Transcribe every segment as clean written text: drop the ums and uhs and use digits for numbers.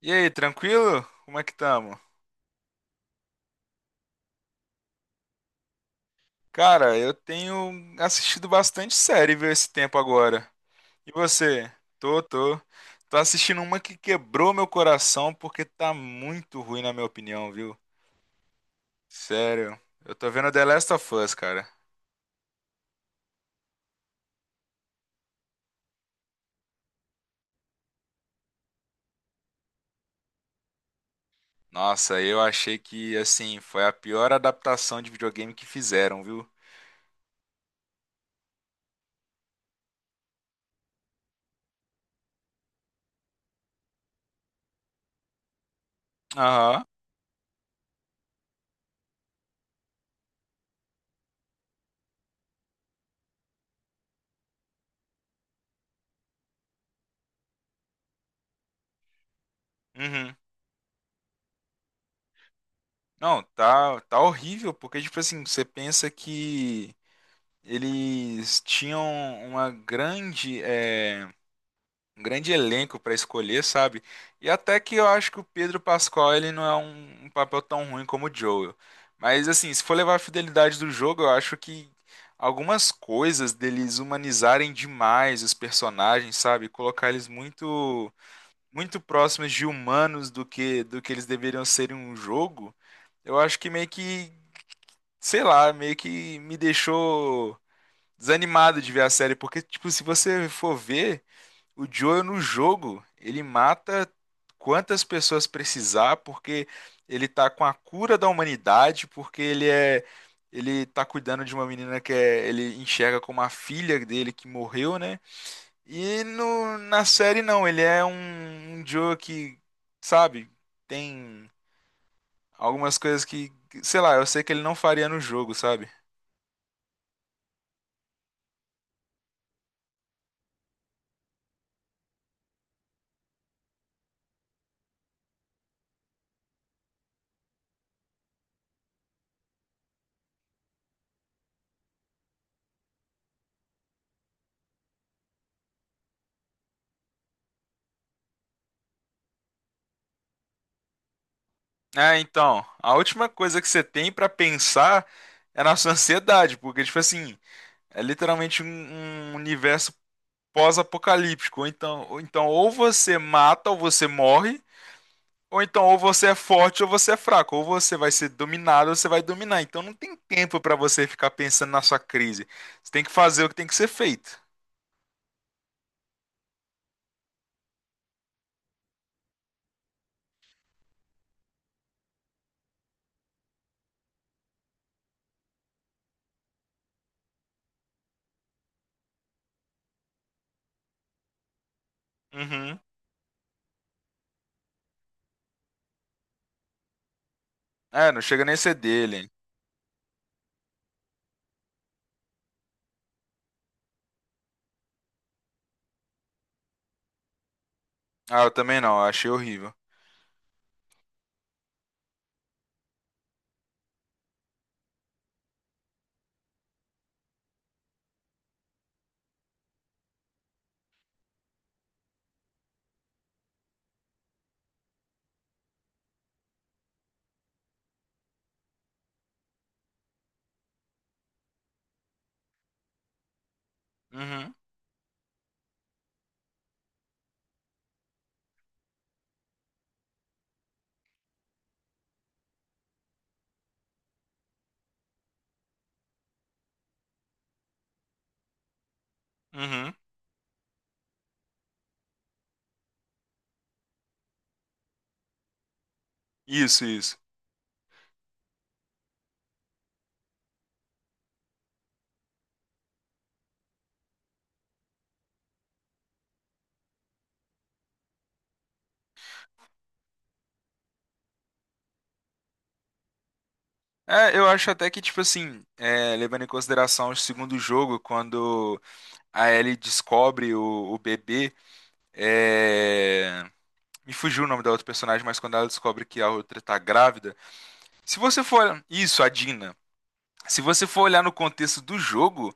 E aí, tranquilo? Como é que tamo? Cara, eu tenho assistido bastante série, viu, esse tempo agora. E você? Tô. Tô assistindo uma que quebrou meu coração porque tá muito ruim na minha opinião, viu? Sério. Eu tô vendo The Last of Us, cara. Nossa, eu achei que, assim, foi a pior adaptação de videogame que fizeram, viu? Aham. Uhum. Não, tá, tá horrível, porque, tipo assim, você pensa que eles tinham uma grande, um grande elenco para escolher, sabe? E até que eu acho que o Pedro Pascal ele não é um, um papel tão ruim como o Joel. Mas assim, se for levar a fidelidade do jogo, eu acho que algumas coisas deles humanizarem demais os personagens, sabe? Colocar eles muito próximos de humanos do que eles deveriam ser em um jogo. Eu acho que meio que, sei lá, meio que me deixou desanimado de ver a série, porque, tipo, se você for ver, o Joel no jogo, ele mata quantas pessoas precisar, porque ele tá com a cura da humanidade, porque ele é. Ele tá cuidando de uma menina que é- ele enxerga como a filha dele que morreu, né? E no, na série não, ele é um, um Joe que, sabe, tem algumas coisas que, sei lá, eu sei que ele não faria no jogo, sabe? É, então, a última coisa que você tem pra pensar é na sua ansiedade, porque, tipo assim, é literalmente um, um universo pós-apocalíptico. Ou então, ou então, ou você mata ou você morre, ou então, ou você é forte ou você é fraco, ou você vai ser dominado ou você vai dominar. Então, não tem tempo pra você ficar pensando na sua crise. Você tem que fazer o que tem que ser feito. Uhum. É, não chega nem a ser dele. Ah, eu também não, eu achei horrível. Uhum, uhum. Isso, isso. É, eu acho até que, tipo assim, é, levando em consideração o segundo jogo, quando a Ellie descobre o bebê, é, me fugiu o nome da outra personagem, mas quando ela descobre que a outra tá grávida. Se você for. Isso, a Dina. Se você for olhar no contexto do jogo.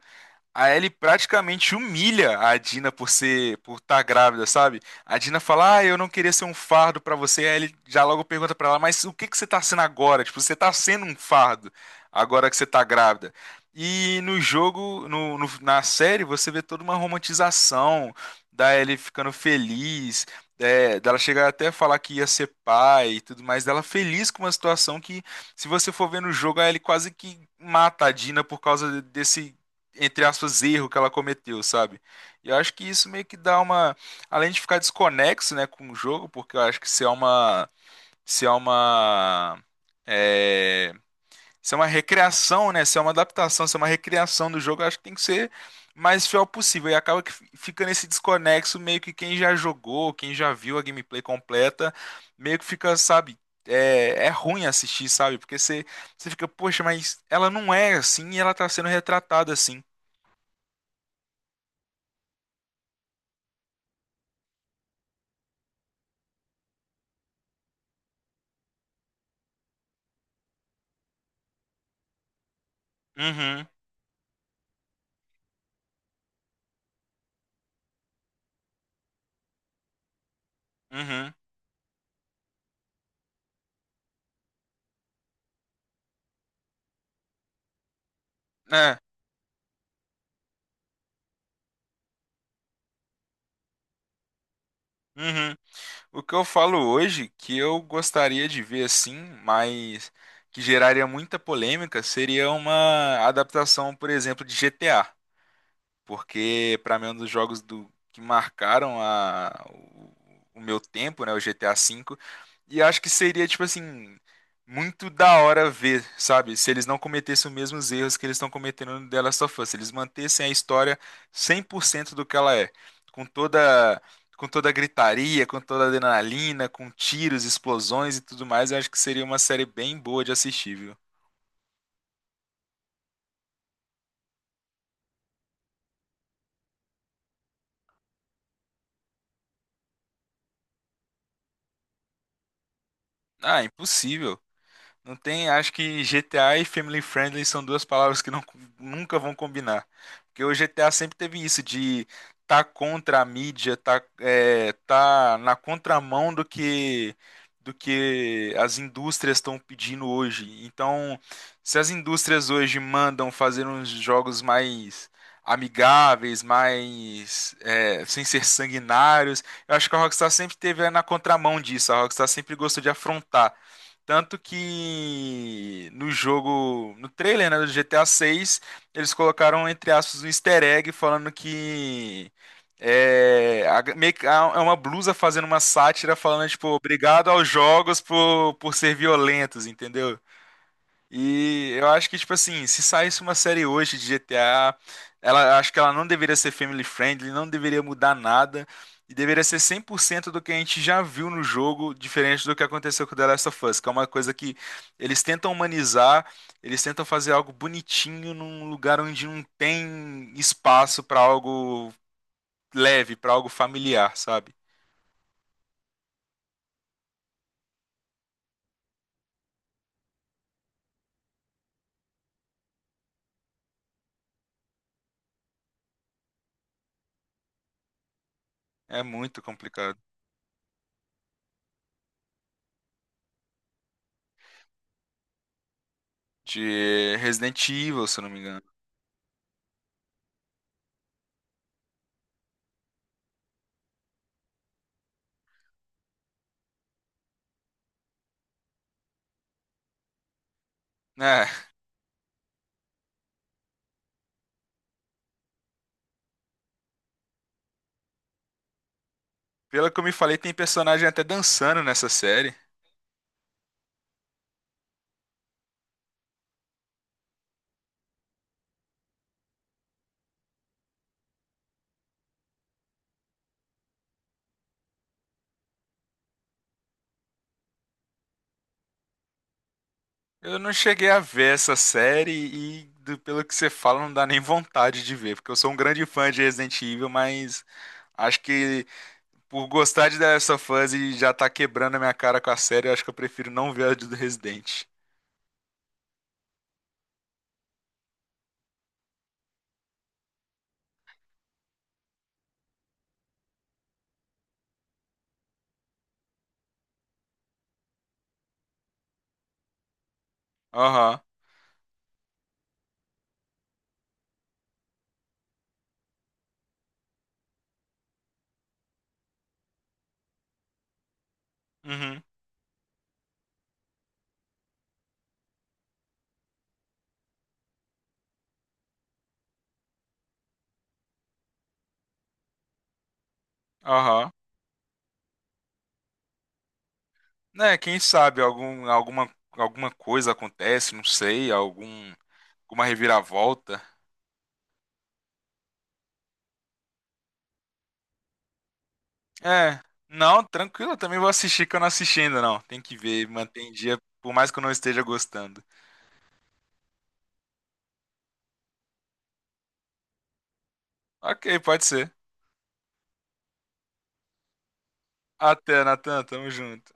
A Ellie praticamente humilha a Dina por ser, por estar grávida, sabe? A Dina fala: "Ah, eu não queria ser um fardo pra você". A Ellie já logo pergunta pra ela: "Mas o que que você tá sendo agora? Tipo, você tá sendo um fardo agora que você tá grávida". E no jogo, no, no- na série, você vê toda uma romantização da Ellie ficando feliz, é, dela chegar até a falar que ia ser pai e tudo mais, dela feliz com uma situação que, se você for ver no jogo, a Ellie quase que mata a Dina por causa desse entre aspas, erro que ela cometeu, sabe? E eu acho que isso meio que dá uma. Além de ficar desconexo, né, com o jogo, porque eu acho que se é uma. Se é uma. É, se é uma recriação, né? Se é uma adaptação, se é uma recriação do jogo, eu acho que tem que ser mais fiel possível. E acaba que fi- fica nesse desconexo, meio que quem já jogou, quem já viu a gameplay completa, meio que fica, sabe? É, é ruim assistir, sabe? Porque você fica, poxa, mas ela não é assim e ela tá sendo retratada assim. Uhum. Uhum. É. Uhum. O que eu falo hoje, que eu gostaria de ver assim, mas que geraria muita polêmica, seria uma adaptação, por exemplo, de GTA, porque para mim é um dos jogos do, que marcaram a, o meu tempo, né, o GTA V, e acho que seria, tipo assim, muito da hora ver, sabe, se eles não cometessem os mesmos erros que eles estão cometendo no The Last of Us, se eles mantessem a história 100% do que ela é, com toda... Com toda a gritaria, com toda a adrenalina, com tiros, explosões e tudo mais, eu acho que seria uma série bem boa de assistir, viu? Ah, impossível. Não tem, acho que GTA e Family Friendly são duas palavras que não, nunca vão combinar. Porque o GTA sempre teve isso de tá contra a mídia, tá, é, tá na contramão do que as indústrias estão pedindo hoje. Então, se as indústrias hoje mandam fazer uns jogos mais amigáveis, mais é, sem ser sanguinários, eu acho que a Rockstar sempre teve é, na contramão disso. A Rockstar sempre gostou de afrontar. Tanto que no jogo, no trailer, né, do GTA 6, eles colocaram, entre aspas, um easter egg falando que é, a- meio que- a- é uma blusa fazendo uma sátira falando, tipo, obrigado aos jogos por ser violentos, entendeu? E eu acho que, tipo assim, se saísse uma série hoje de GTA, ela acho que ela não deveria ser family friendly, não deveria mudar nada, e deveria ser 100% do que a gente já viu no jogo, diferente do que aconteceu com The Last of Us, que é uma coisa que eles tentam humanizar, eles tentam fazer algo bonitinho num lugar onde não tem espaço pra algo leve, pra algo familiar, sabe? É muito complicado. De Resident Evil, se eu não me engano. É. Pelo que eu me falei, tem personagem até dançando nessa série. Eu não cheguei a ver essa série e, do- pelo que você fala, não dá nem vontade de ver, porque eu sou um grande fã de Resident Evil, mas acho que por gostar de The Last of Us e já tá quebrando a minha cara com a série, eu acho que eu prefiro não ver a do Resident. Aham, uhum, aham. Né, quem sabe algum, alguma, alguma coisa acontece, não sei, algum, alguma reviravolta. É, não, tranquilo, eu também vou assistir que eu não assisti ainda, não. Tem que ver, manter em dia, por mais que eu não esteja gostando. Ok, pode ser. Até, Natan, tamo junto.